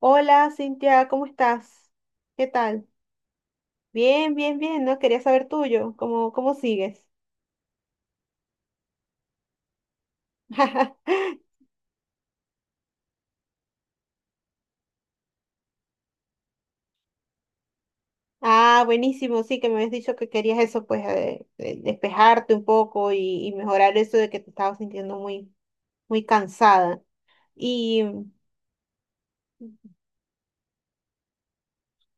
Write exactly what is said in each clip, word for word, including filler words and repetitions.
Hola, Cintia, ¿cómo estás? ¿Qué tal? Bien, bien, bien, ¿no? Quería saber tuyo, ¿cómo, cómo sigues? Ah, buenísimo, sí, que me habías dicho que querías eso, pues, eh, eh, despejarte un poco y, y mejorar eso de que te estabas sintiendo muy, muy cansada. Y,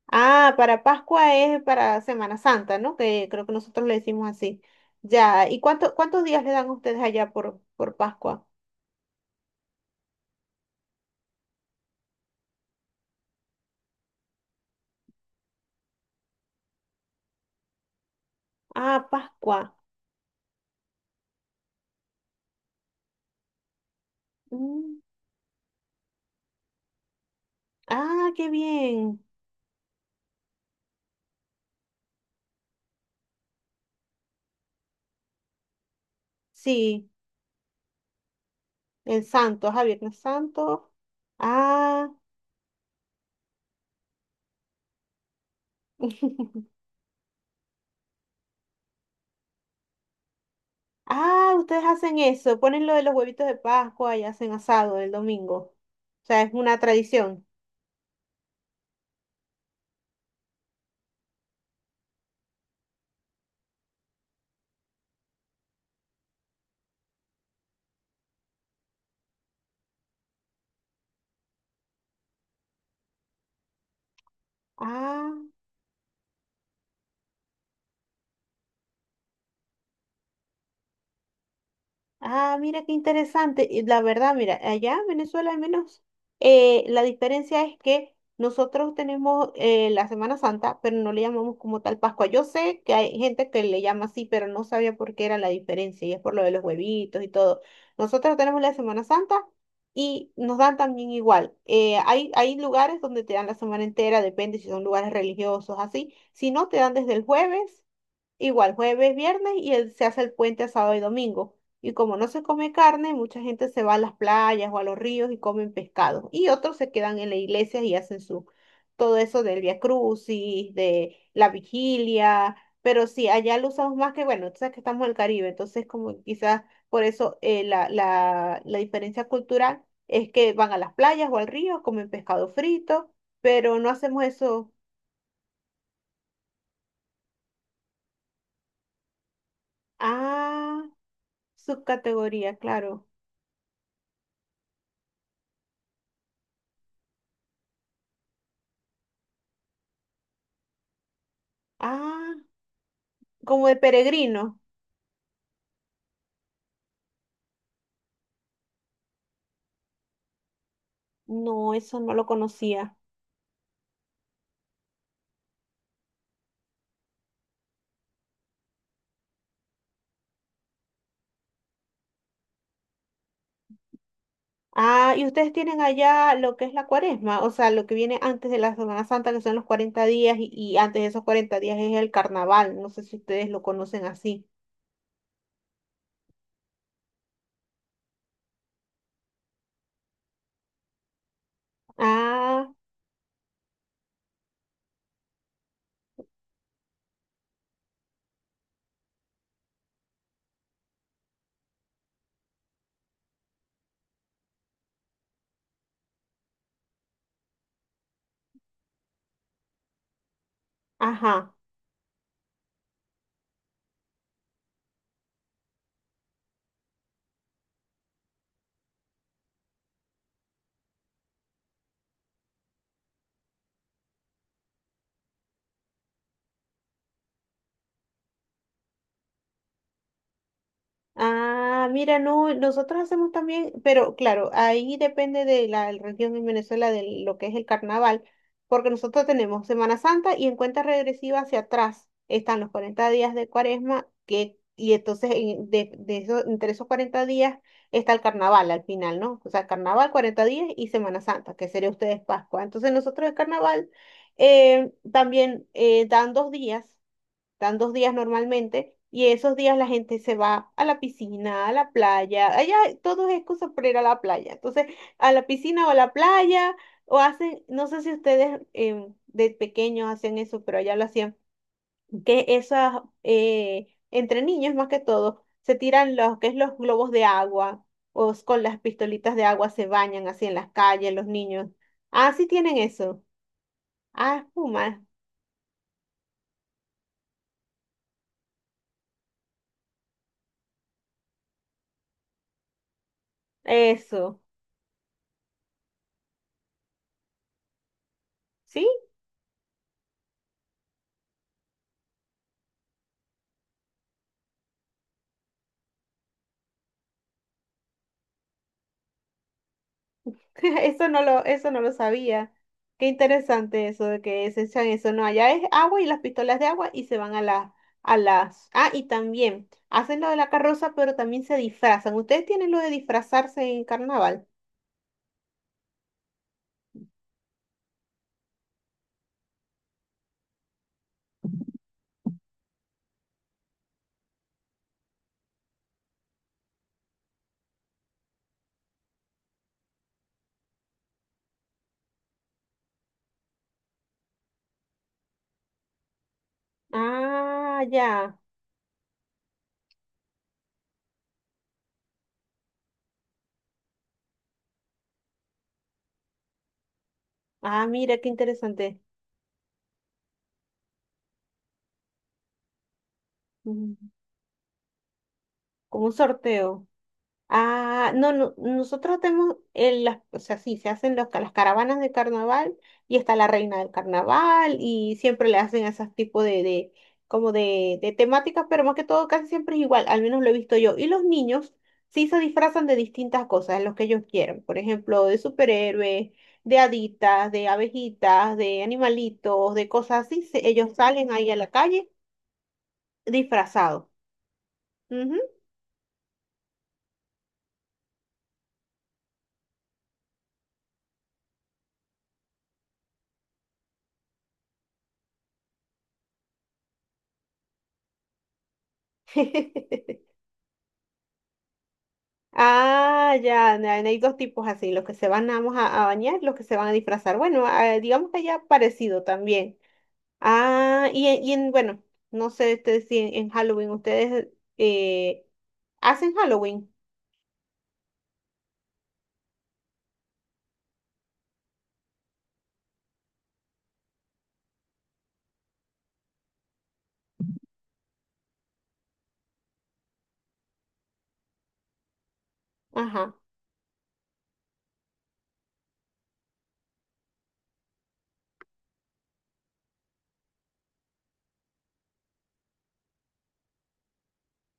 ah, para Pascua es para Semana Santa, ¿no? Que creo que nosotros le decimos así. Ya, ¿y cuánto, cuántos días le dan a ustedes allá por, por Pascua? Ah, Pascua. Mm, Ah, qué bien. Sí. En Santo, a Viernes Santo. Ah, ah, ustedes hacen eso, ponen lo de los huevitos de Pascua y hacen asado el domingo. O sea, es una tradición. Ah. Ah, mira qué interesante. Y la verdad, mira, allá en Venezuela al menos eh, la diferencia es que nosotros tenemos eh, la Semana Santa, pero no le llamamos como tal Pascua. Yo sé que hay gente que le llama así, pero no sabía por qué era la diferencia y es por lo de los huevitos y todo. Nosotros tenemos la Semana Santa y nos dan también igual. Eh, hay, hay lugares donde te dan la semana entera, depende si son lugares religiosos, así. Si no, te dan desde el jueves. Igual jueves, viernes y el- se hace el puente a sábado y domingo. Y como no se come carne, mucha gente se va a las playas o a los ríos y comen pescado. Y otros se quedan en la iglesia y hacen su todo eso del Via Crucis, de la vigilia. Pero sí, allá lo usamos más que, bueno, tú sabes que estamos en el Caribe, entonces como quizás por eso eh, la, la, la diferencia cultural es que van a las playas o al río, comen pescado frito, pero no hacemos eso. Ah, subcategoría, claro. Ah, como de peregrino. No, eso no lo conocía. Ah, y ustedes tienen allá lo que es la cuaresma, o sea, lo que viene antes de la Semana Santa, que son los cuarenta días, y, y antes de esos cuarenta días es el carnaval. No sé si ustedes lo conocen así. Ah, ajá. Ah, mira, no, nosotros hacemos también, pero claro, ahí depende de la región en Venezuela de lo que es el carnaval, porque nosotros tenemos Semana Santa y en cuenta regresiva hacia atrás están los cuarenta días de Cuaresma, que, y entonces en- de, de eso- entre esos cuarenta días está el carnaval al final, ¿no? O sea, carnaval, cuarenta días y Semana Santa, que sería ustedes Pascua. Entonces nosotros el carnaval eh, también eh, dan dos días dan dos días normalmente, y esos días la gente se va a la piscina, a la playa, allá todo es excusa para ir a la playa, entonces a la piscina o a la playa, o hacen, no sé si ustedes em, de pequeños hacen eso, pero allá lo hacían, que esas, eh, entre niños más que todo, se tiran los, que es los globos de agua, o s- con las pistolitas de agua se bañan así en las calles los niños. Ah, sí tienen eso. Ah, espuma. Eso. ¿Sí? Eso no lo, eso no lo sabía. Qué interesante eso de que se echan eso. No, allá es agua y las pistolas de agua y se van a las, a las. Ah, y también hacen lo de la carroza, pero también se disfrazan. ¿Ustedes tienen lo de disfrazarse en carnaval? Ah, ya. Ah, mira, qué interesante. Mm, Como un sorteo. Ah, no, no, nosotros tenemos, el- las, o sea, sí, se hacen los, ca- las caravanas de carnaval y está la reina del carnaval y siempre le hacen esos tipos de, de, como de, de temáticas, pero más que todo casi siempre es igual, al menos lo he visto yo. Y los niños sí se disfrazan de distintas cosas, los que ellos quieren, por ejemplo, de superhéroes, de haditas, de abejitas, de animalitos, de cosas así, se- ellos salen ahí a la calle disfrazados. Ujú. Ah, ya, na- hay dos tipos así, los que se van nada más a, a bañar, los que se van a disfrazar. Bueno, ah, digamos que ya parecido también. Ah, y, en- y en, bueno, no sé este, si en, en Halloween ustedes eh, hacen Halloween. Ajá.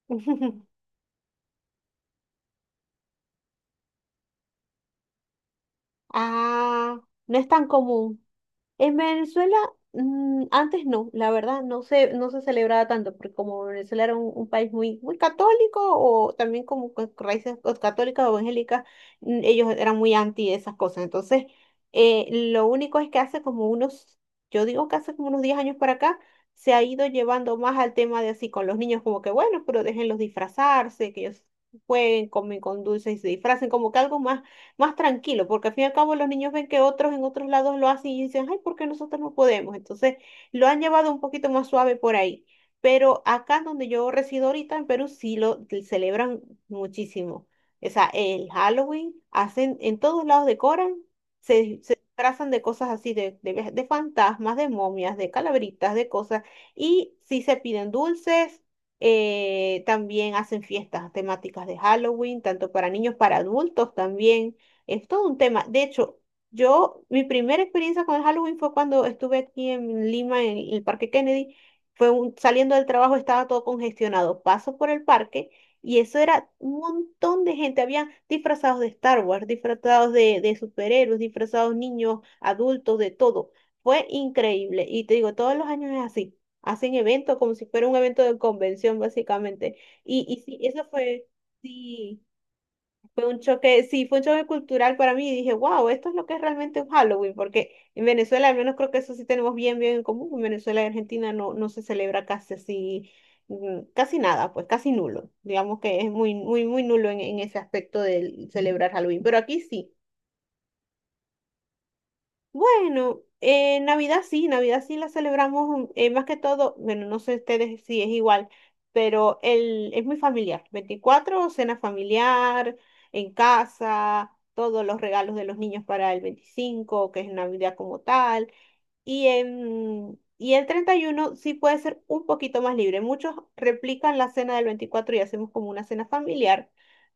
Ah, no es tan común. En Venezuela, mm, antes no, la verdad, no se, no se celebraba tanto, porque como Venezuela era un, un país muy, muy católico, o también como con raíces o católicas o evangélicas, mm, ellos eran muy anti esas cosas. Entonces, eh, lo único es que hace como unos, yo digo que hace como unos diez años para acá, se ha ido llevando más al tema de así con los niños, como que bueno, pero déjenlos disfrazarse, que ellos jueguen, comen con dulces y se disfracen, como que algo más más tranquilo, porque al fin y al cabo los niños ven que otros en otros lados lo hacen y dicen, ay, ¿por qué nosotros no podemos? Entonces lo han llevado un poquito más suave por ahí. Pero acá donde yo resido ahorita en Perú sí lo celebran muchísimo. O sea, el Halloween, hacen, en todos lados decoran, se, se disfrazan de cosas así, de, de, ve- de fantasmas, de momias, de calabritas, de cosas, y sí se piden dulces, eh, también hacen fiestas temáticas de Halloween, tanto para niños, para adultos también. Es todo un tema. De hecho, yo, mi primera experiencia con el Halloween fue cuando estuve aquí en Lima, en el Parque Kennedy. Fue un- saliendo del trabajo, estaba todo congestionado. Paso por el parque y eso era un montón de gente. Habían disfrazados de Star Wars, disfrazados de, de superhéroes, disfrazados niños, adultos, de todo. Fue increíble. Y te digo, todos los años es así. Hacen eventos como si fuera un evento de convención, básicamente. Y, y sí, eso fue, sí. Fue un choque, sí, fue un choque cultural para mí y dije, wow, esto es lo que es realmente un Halloween, porque en Venezuela al menos creo que eso sí tenemos bien, bien en común. En Venezuela y Argentina no, no se celebra casi así, mm, casi nada, pues casi nulo. Digamos que es muy, muy, muy nulo en, en ese aspecto de celebrar Halloween, pero aquí sí. Bueno, eh, Navidad sí, Navidad sí la celebramos mm, eh, más que todo, bueno, no sé ustedes si es igual, pero el, es muy familiar. Veinticuatro cena familiar, en casa, todos los regalos de los niños para el veinticinco que es Navidad como tal. Y, en, y el treinta y uno sí puede ser un poquito más libre. Muchos replican la cena del veinticuatro y hacemos como una cena familiar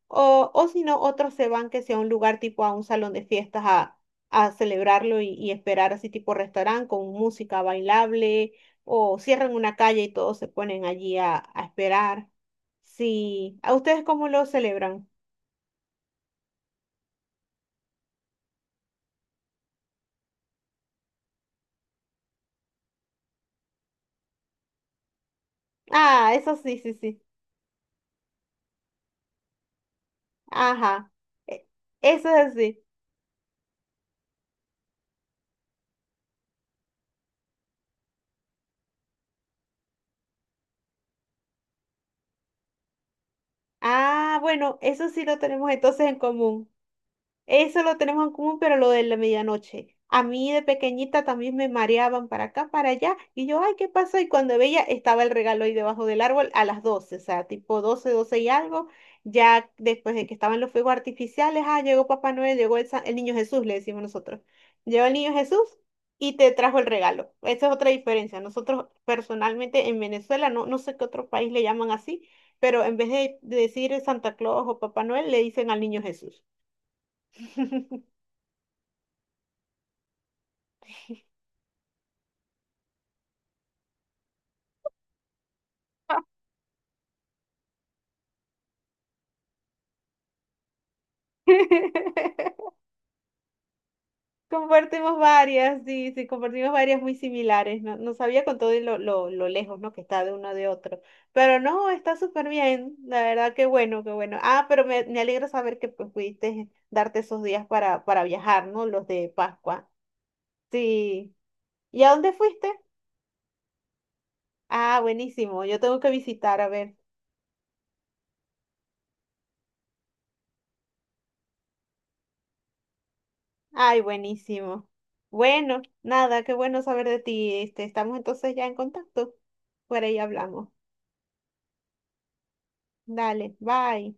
o, o si no, otros se van que sea un lugar tipo a un salón de fiestas a, a celebrarlo y, y esperar así tipo restaurante con música bailable o cierran una calle y todos se ponen allí a, a esperar. Sí, ¿a ustedes cómo lo celebran? Ah, eso sí, sí, sí. Ajá. E- Eso es así. Ah, bueno, eso sí lo tenemos entonces en común. Eso lo tenemos en común, pero lo de la medianoche. A mí de pequeñita también me mareaban para acá, para allá, y yo, ay, ¿qué pasó? Y cuando veía, estaba el regalo ahí debajo del árbol a las doce o sea, tipo doce doce y algo. Ya después de que estaban los fuegos artificiales, ah, llegó Papá Noel, llegó el, sa- el niño Jesús, le decimos nosotros. Llegó el niño Jesús y te trajo el regalo. Esa es otra diferencia. Nosotros personalmente en Venezuela, no, no sé qué otro país le llaman así, pero en vez de de decir Santa Claus o Papá Noel, le dicen al niño Jesús. Compartimos varias, sí, sí, compartimos varias muy similares. No, no sabía con todo y lo, lo, lo lejos, ¿no? Que está de uno de otro. Pero no, está súper bien. La verdad, qué bueno, qué bueno. Ah, pero me, me alegra saber que pues, pudiste darte esos días para, para viajar, ¿no? Los de Pascua. Sí. ¿Y a dónde fuiste? Ah, buenísimo. Yo tengo que visitar, a ver. Ay, buenísimo. Bueno, nada, qué bueno saber de ti. Este, estamos entonces ya en contacto. Por ahí hablamos. Dale, bye.